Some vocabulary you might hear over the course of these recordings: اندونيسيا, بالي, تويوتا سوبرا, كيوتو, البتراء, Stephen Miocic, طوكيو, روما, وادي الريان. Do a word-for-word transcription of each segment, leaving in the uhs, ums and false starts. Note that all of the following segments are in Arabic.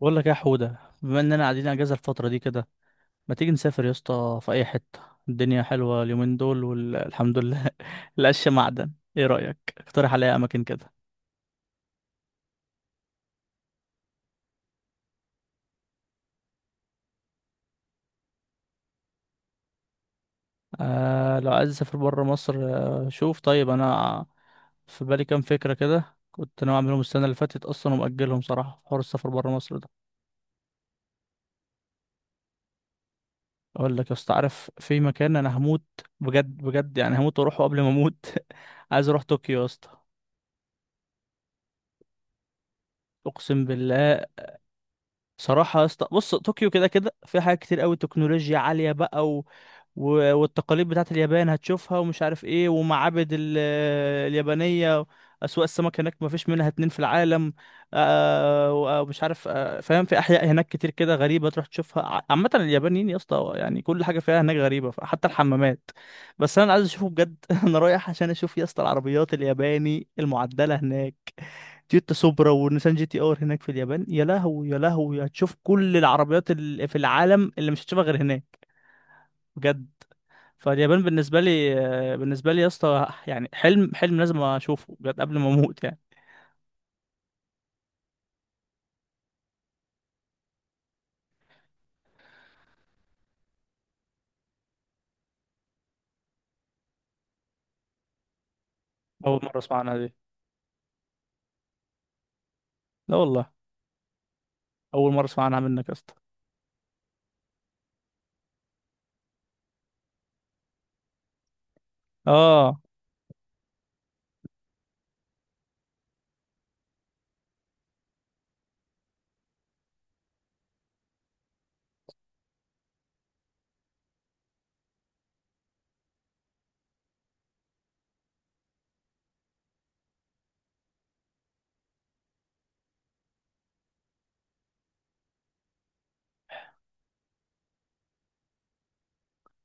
بقول لك إيه يا حودة؟ بما اننا قاعدين اجازة الفترة دي كده، ما تيجي نسافر يا اسطى في اي حتة؟ الدنيا حلوة اليومين دول والحمد لله. القش معدن. ايه رأيك؟ اقترح عليا اماكن كده. آه، لو عايز اسافر بره مصر. آه، شوف طيب، انا في بالي كام فكرة كده، كنت ناوي اعملهم السنة اللي فاتت اصلا، ومأجلهم صراحة في حوار السفر بره مصر ده. اقول لك يا اسطى، عارف في مكان انا هموت بجد بجد يعني هموت واروحه قبل ما اموت؟ عايز اروح طوكيو يا اسطى. اقسم بالله. صراحة يا اسطى، بص، طوكيو كده كده في حاجات كتير قوي، تكنولوجيا عالية بقى، و... و... والتقاليد بتاعت اليابان هتشوفها ومش عارف ايه، ومعابد ال... اليابانية. أسواق السمك هناك ما فيش منها اتنين في العالم. آه... و- آه، ومش عارف آه... فاهم؟ في أحياء هناك كتير كده غريبة تروح تشوفها، ع- عامة اليابانيين يا اسطى يعني كل حاجة فيها هناك غريبة، ف- حتى الحمامات. بس أنا عايز أشوفه بجد. أنا رايح عشان أشوف يا اسطى العربيات الياباني المعدلة هناك. تويوتا سوبرا ونيسان جي تي ار هناك في اليابان، يا لهو يا لهو، هتشوف كل العربيات اللي في العالم، اللي مش هتشوفها غير هناك. بجد. فاليابان بالنسبة لي آه، بالنسبة لي يا اسطى يعني حلم حلم لازم اشوفه بجد قبل ما اموت يعني. اول مرة اسمع عنها دي. لا والله. اول مرة اسمع عنها منك يا اسطى. اه.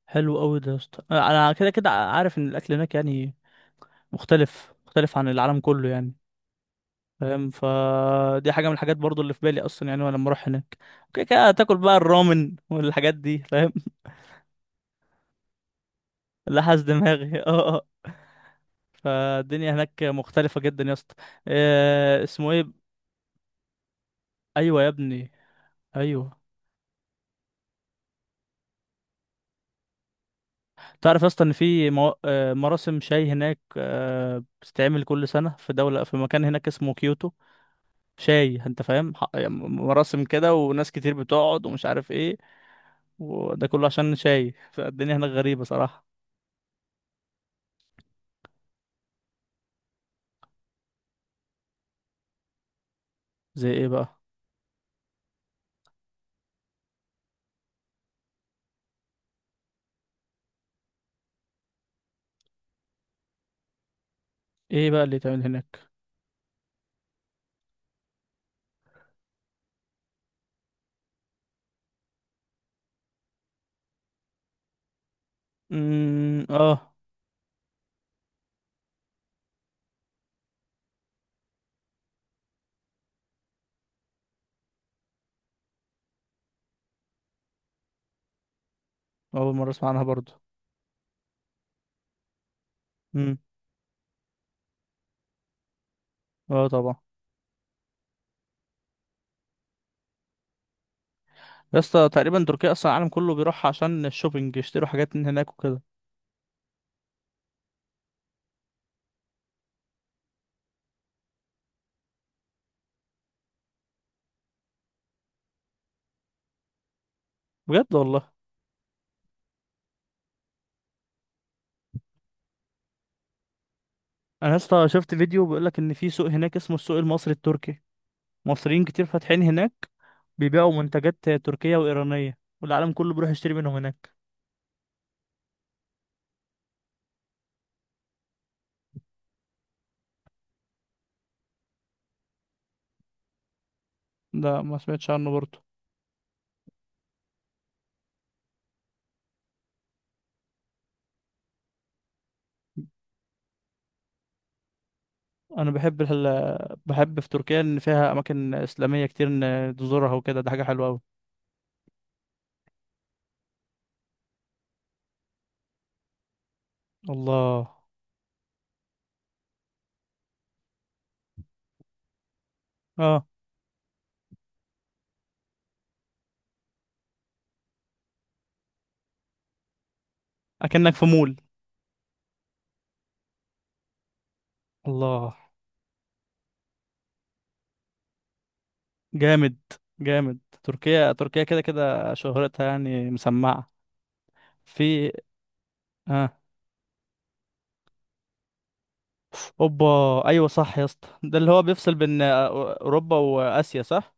حلو قوي ده يا اسطى، انا أنا كده كده عارف ان الاكل هناك يعني مختلف مختلف عن العالم كله يعني. فاهم؟ فدي حاجة من الحاجات برضو اللي في بالي اصلا، يعني وانا لما اروح هناك، اوكي كده تاكل بقى الرامن والحاجات دي، فاهم؟ لحس دماغي. اه، اه. فالدنيا هناك مختلفة جدا يا اسطى. آه، اسمه ايه؟ ايوه يا ابني. ايوه. تعرف يا اسطى ان في مو... آه مراسم شاي هناك آه بتتعمل كل سنة في دولة، في مكان هناك اسمه كيوتو. شاي، انت فاهم؟ ح- يعني مراسم كده، وناس كتير بتقعد، ومش عارف ايه، وده كله عشان شاي. فالدنيا هناك غريبة صراحة. زي ايه بقى؟ ايه بقى اللي يتعمل هناك؟ امم، اه. اول مرة اسمع عنها برضو. امم، اه طبعا. يا اسطى تقريبا تركيا اصلا العالم كله بيروح عشان الشوبينج، يشتروا حاجات من هناك وكده. بجد والله. انا يا اسطى شفت فيديو بيقول لك ان في سوق هناك اسمه السوق المصري التركي، مصريين كتير فاتحين هناك، بيبيعوا منتجات تركية وايرانية، والعالم كله بيروح يشتري منهم هناك. ده ما سمعتش عنه برضه. انا بحب ال... بحب في تركيا ان فيها اماكن اسلامية كتير ان تزورها وكده، ده حاجة حلوة قوي. الله. اه. اكنك في مول. الله. جامد جامد. تركيا تركيا كده كده شهرتها يعني مسمعة. في. اه. اوبا. ايوه صح يا اسطى، ده اللي هو بيفصل بين آه، اوروبا واسيا، صح؟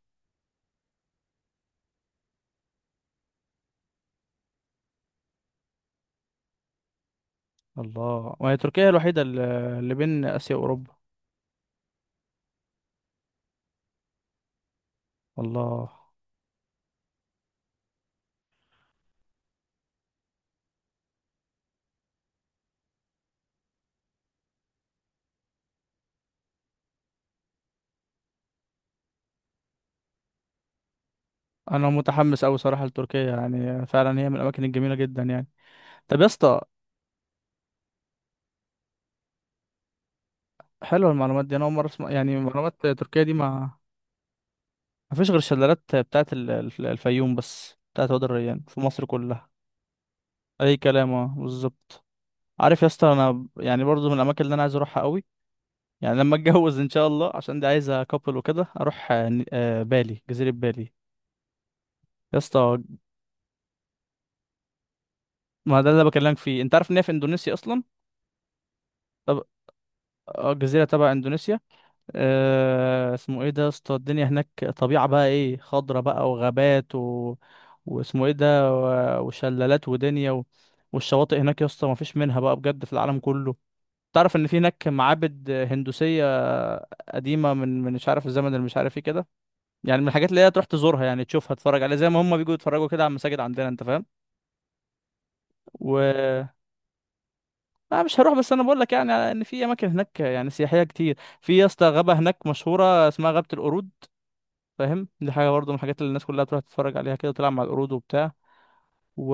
الله. وهي تركيا الوحيدة اللي اللي بين اسيا واوروبا. الله. انا متحمس اوي صراحة لتركيا، يعني فعلا هي من الاماكن الجميلة جدا يعني. طب يا اسطى، حلوة المعلومات دي، انا اول مرة اسمع يعني معلومات تركيا دي ما. مفيش غير الشلالات بتاعت ال- ال- الفيوم، بس بتاعت وادي الريان في مصر كلها. اي كلام، اه بالظبط. عارف يا اسطى، انا ب- يعني برضو من الاماكن اللي انا عايز اروحها قوي، يعني لما اتجوز ان شاء الله، عشان دي عايزه كابل وكده، اروح آه، ن- آه، بالي، جزيره بالي يا اسطى. ما ده اللي بكلمك فيه، انت عارف ان هي في اندونيسيا اصلا. طب. آه، جزيره تبع اندونيسيا. أه، اسمه ايه ده يا اسطى، الدنيا هناك طبيعه بقى، ايه، خضره بقى وغابات و... واسمه ايه ده، و- وشلالات ودنيا و... والشواطئ هناك يا اسطى ما فيش منها بقى بجد في العالم كله. تعرف ان في هناك معابد هندوسيه قديمه من من مش عارف الزمن، اللي مش عارف ايه كده، يعني من الحاجات اللي هي تروح تزورها، يعني تشوفها، تتفرج عليها، زي ما هم بيجوا يتفرجوا كده على المساجد عندنا، انت فاهم؟ و انا مش هروح، بس انا بقول لك يعني ان في اماكن هناك يعني سياحيه كتير. في يا اسطى غابه هناك مشهوره اسمها غابه القرود، فاهم؟ دي حاجه برضه من الحاجات اللي الناس كلها تروح تتفرج عليها كده، تلعب مع القرود وبتاع، و...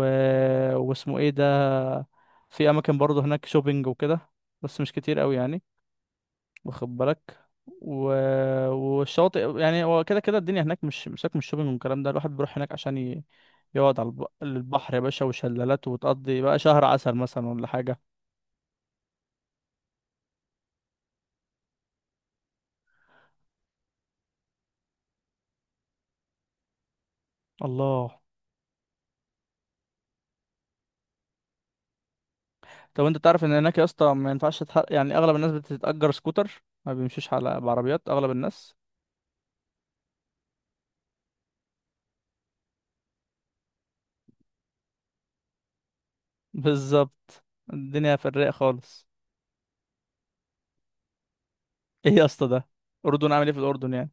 واسمه ايه ده. في اماكن برضه هناك شوبينج وكده، بس مش كتير قوي يعني، واخد بالك، و... والشواطئ، يعني هو كده كده الدنيا هناك مش مساك من الشوبينج والكلام ده، الواحد بيروح هناك عشان ي... يقعد على الب... البحر يا باشا، وشلالات، وتقضي بقى شهر عسل مثلا ولا حاجة. الله. طب انت تعرف ان هناك يا اسطى ما ينفعش تح... يعني اغلب الناس بتتأجر سكوتر، ما بيمشوش على بعربيات، اغلب الناس. بالظبط. الدنيا في الرايق خالص. ايه يا اسطى ده؟ الاردن؟ عامل ايه في الاردن يعني؟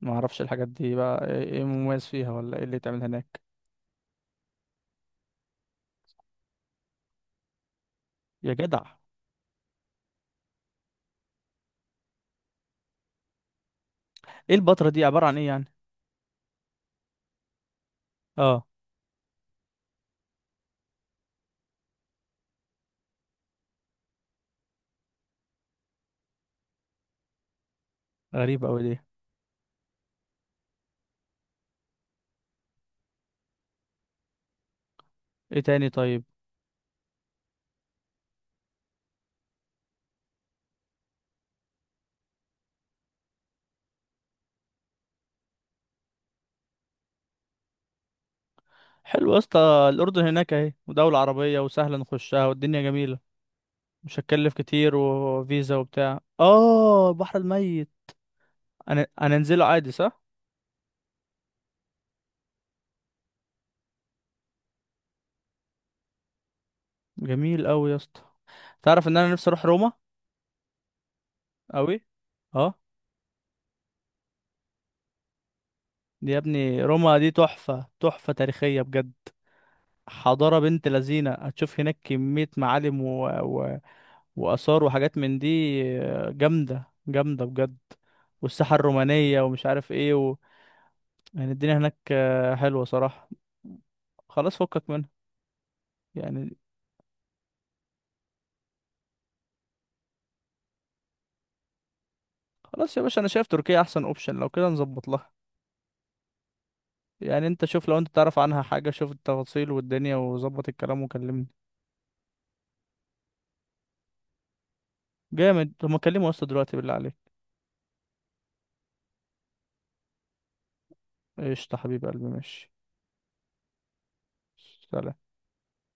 ما اعرفش الحاجات دي بقى، ايه، إيه مميز فيها ولا ايه اللي يتعمل هناك؟ يا جدع. ايه البتراء دي؟ عبارة عن ايه يعني؟ اه. غريب أوي دي. ايه تاني طيب؟ حلو يا اسطى. الأردن هناك اهي، ودولة عربية وسهلة نخشها، والدنيا جميلة، مش هتكلف كتير وفيزا وبتاع، اه البحر الميت. انا انا انزله عادي، صح؟ جميل أوي يا اسطى. تعرف ان انا نفسي اروح روما أوي؟ اه. دي يا ابني، روما دي تحفة تحفة تاريخية بجد، حضارة بنت لذينة، هتشوف هناك كمية معالم و... و... وآثار وحاجات من دي، آه، جامدة جامدة بجد، والساحة الرومانية ومش عارف ايه، يعني الدنيا هناك آه، حلوة صراحة. خلاص، فكك منها. يعني خلاص يا باشا، انا شايف تركيا احسن اوبشن، لو كده نظبط لها. يعني انت شوف، لو انت تعرف عنها حاجة، شوف التفاصيل والدنيا، وظبط الكلام وكلمني. جامد. طب ما كلمه اصلا دلوقتي بالله عليك. قشطة حبيب قلبي، ماشي. سلام.